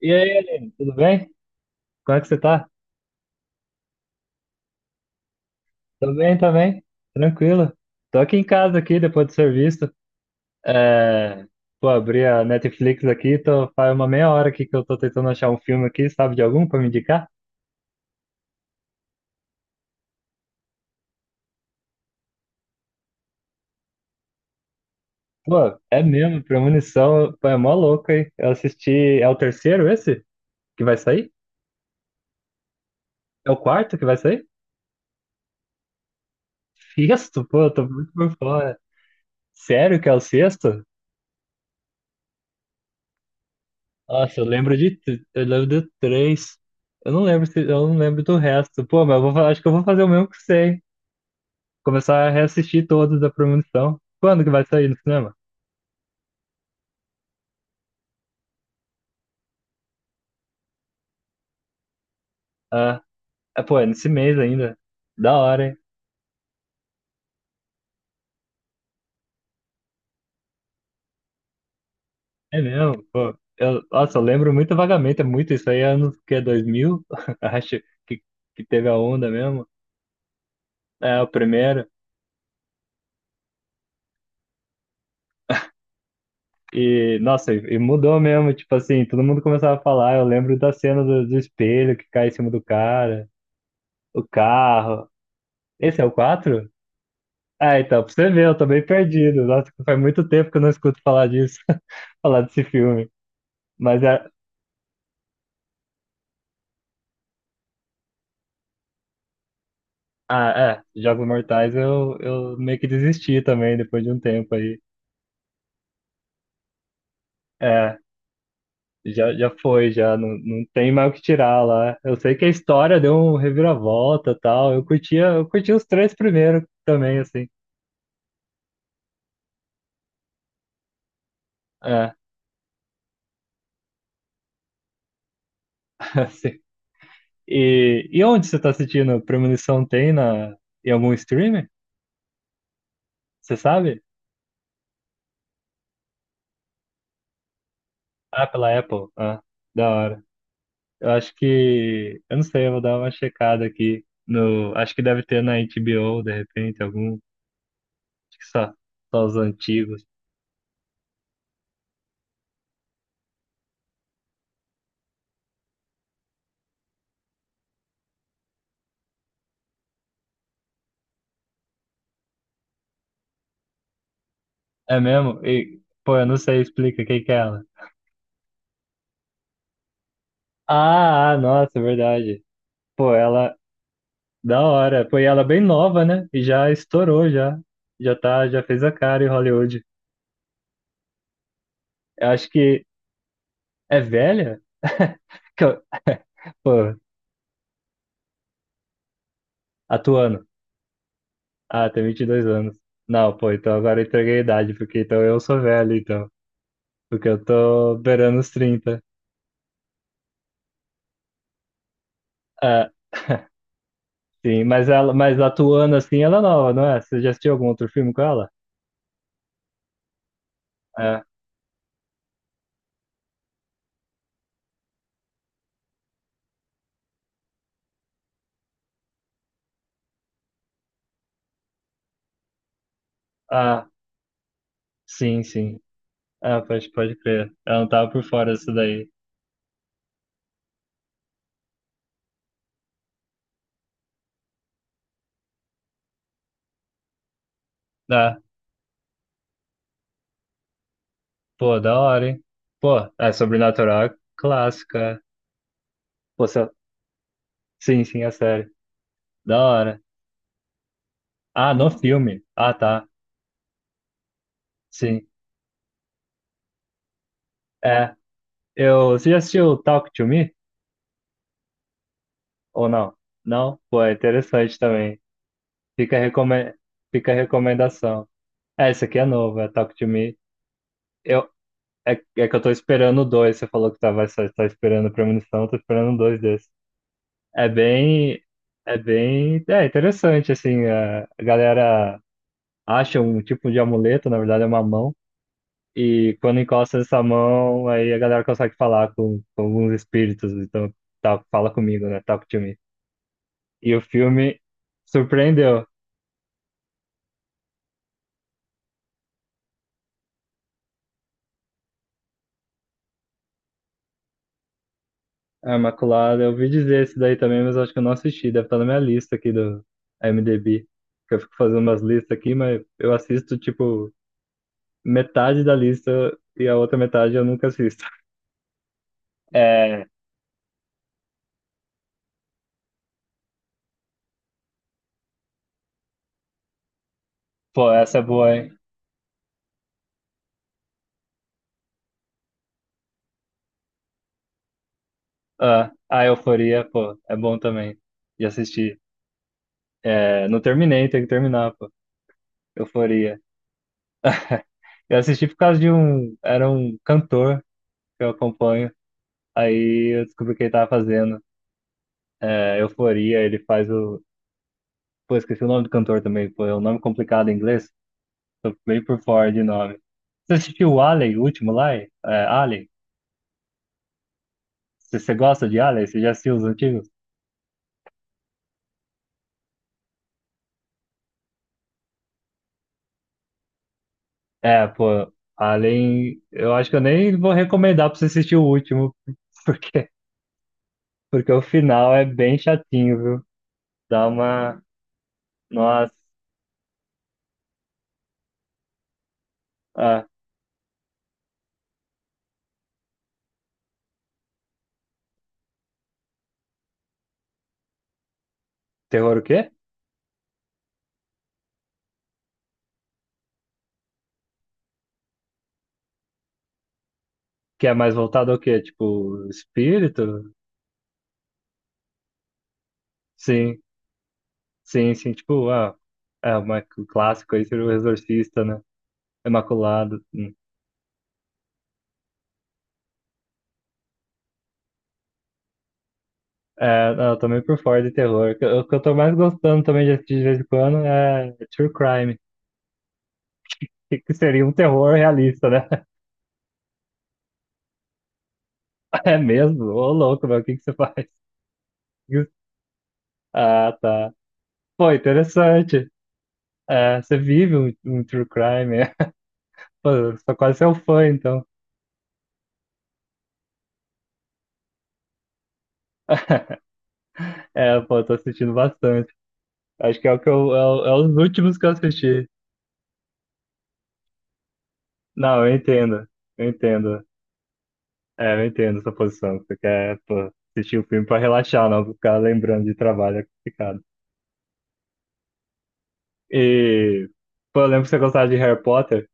E aí, Aline, tudo bem? Como é que você tá? Tô bem também, tranquilo. Tô aqui em casa aqui depois do serviço. É... Pô, abri a Netflix aqui, faz uma meia hora aqui que eu tô tentando achar um filme aqui, sabe de algum pra me indicar? Pô, é mesmo, Premonição, pô, é mó louco, hein? Eu assisti, é o terceiro esse que vai sair? É o quarto que vai sair? Sexto, pô, eu tô muito por fora. Sério que é o sexto? Nossa, eu lembro de três. Eu não lembro do resto. Pô, mas acho que eu vou fazer o mesmo que você, hein? Começar a reassistir todos da Premonição. Quando que vai sair no cinema? Ah, é, pô, é nesse mês ainda. Da hora, hein? É mesmo, pô. Nossa, eu lembro muito vagamente, é muito isso aí, é anos que é 2000 acho que, que teve a onda mesmo. É, o primeiro. E, nossa, e mudou mesmo, tipo assim, todo mundo começava a falar. Eu lembro da cena do espelho que cai em cima do cara, o carro. Esse é o 4? Ah, então, pra você ver, eu tô bem perdido. Nossa, faz muito tempo que eu não escuto falar disso, falar desse filme. Mas é, ah, é, Jogos Mortais eu meio que desisti também depois de um tempo aí. É, já, já foi, já não tem mais o que tirar lá. Eu sei que a história deu um reviravolta e tal. Eu curti os três primeiros também, assim. É, assim. E, onde você tá assistindo? Premonição tem em algum streamer? Você sabe? Ah, pela Apple. Ah, da hora. Eu acho que. Eu não sei, eu vou dar uma checada aqui. No, acho que deve ter na HBO, de repente, algum. Acho que só os antigos. É mesmo? E, pô, eu não sei, explica quem que é ela. Ah, nossa, é verdade. Pô, ela. Da hora. Pô, e ela é bem nova, né? E já estourou, já. Já tá, já fez a cara em Hollywood. Eu acho que é velha? Que eu- Pô, atuando. Ah, tem 22 anos. Não, pô, então agora eu entreguei a idade, porque então eu sou velho, então. Porque eu tô beirando os 30. É, sim, mas ela, mas atuando assim, ela é nova, não é? Você já assistiu algum outro filme com ela? É. Ah, sim, sim. Ah, pode crer. Ela não tava por fora disso daí. Ah, pô, da hora, hein? Pô, é Sobrenatural clássica. Pô, sim, sim, é sério. Da hora. Ah, no filme. Ah, tá. Sim. É. Você já assistiu Talk to Me? Ou não? Não? Pô, é interessante também. Fica, recome... Fica a recomendação. É, esse aqui é novo, é Talk to Me. Eu, é, é que eu tô esperando dois. Você falou que tava só esperando premonição, eu tô esperando dois desses. É bem. É bem. É interessante, assim. A galera acha um tipo de amuleto, na verdade é uma mão. E quando encosta nessa mão, aí a galera consegue falar com alguns espíritos. Então, tá, fala comigo, né? Talk to me. E o filme surpreendeu. A Imaculada, eu ouvi dizer esse daí também, mas eu acho que eu não assisti. Deve estar na minha lista aqui do IMDb. Que eu fico fazendo umas listas aqui, mas eu assisto, tipo, metade da lista e a outra metade eu nunca assisto. É, pô, essa é boa, hein? Ah, a Euforia, pô, é bom também de assistir. É, não terminei, tem que terminar, pô. Euforia. Eu assisti por causa de um. Era um cantor que eu acompanho. Aí eu descobri o que ele tava fazendo. É, Euforia, ele faz o. Pô, esqueci o nome do cantor também, pô, é um nome complicado em inglês. Tô meio por fora de nome. Você assistiu o Alien, o último lá? É, Alien? Você gosta de Alien? Você já assistiu os antigos? É, pô, Alien, eu acho que eu nem vou recomendar pra você assistir o último, porque, porque o final é bem chatinho, viu? Dá uma. Nossa. Ah, terror o quê? Que é mais voltado ao quê? Tipo, espírito? Sim, sim, sim. Tipo, ah, o clássico aí seria o Exorcista, né? Imaculado, sim. É, não, eu tô meio por fora de terror. O que eu tô mais gostando também de assistir de vez em quando é True Crime, que seria um terror realista, né? É mesmo? Ô louco, meu, o que que você faz? Ah, tá. Pô, interessante. É, você vive um True Crime. Pô, eu sou quase seu fã, então. É, pô, eu tô assistindo bastante. Acho que é o que é os últimos que eu assisti. Não, eu entendo. Eu entendo. É, eu entendo essa posição. Você quer, pô, assistir o filme pra relaxar, não ficar lembrando de trabalho é complicado. E, pô, eu lembro que você gostava de Harry Potter.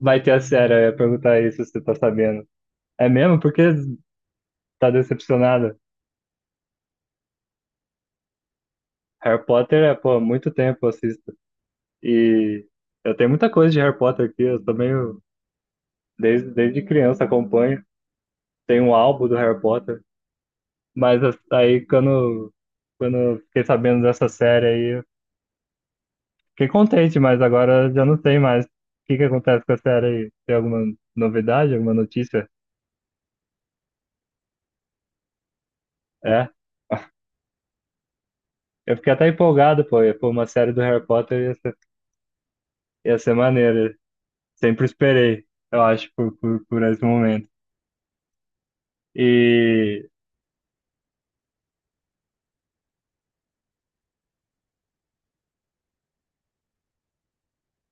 Vai ter a série, eu ia perguntar isso se você tá sabendo. É mesmo? Por que tá decepcionada? Harry Potter é, pô, há muito tempo eu assisto. E eu tenho muita coisa de Harry Potter aqui, eu também, desde criança acompanho. Tem um álbum do Harry Potter. Mas aí, quando eu fiquei sabendo dessa série aí, fiquei contente, mas agora já não sei mais. O que que acontece com a série aí? Tem alguma novidade, alguma notícia? É? Eu fiquei até empolgado, pô. Pô, uma série do Harry Potter ia ser maneira. Sempre esperei, eu acho, por esse momento. E.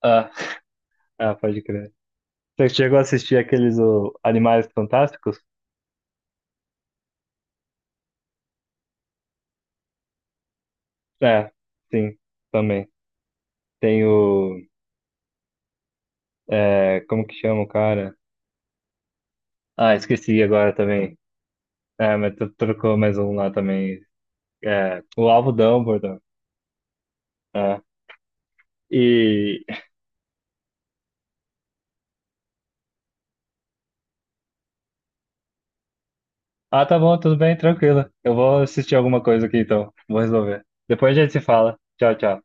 Ah, pode crer. Você chegou a assistir Animais Fantásticos? É, sim, também. Tem o. É, como que chama o cara? Ah, esqueci agora também. É, mas trocou mais um lá também. É, o Alvo Dumbledore. É. E. Ah, tá bom, tudo bem, tranquilo. Eu vou assistir alguma coisa aqui então. Vou resolver. Depois a gente se fala. Tchau, tchau.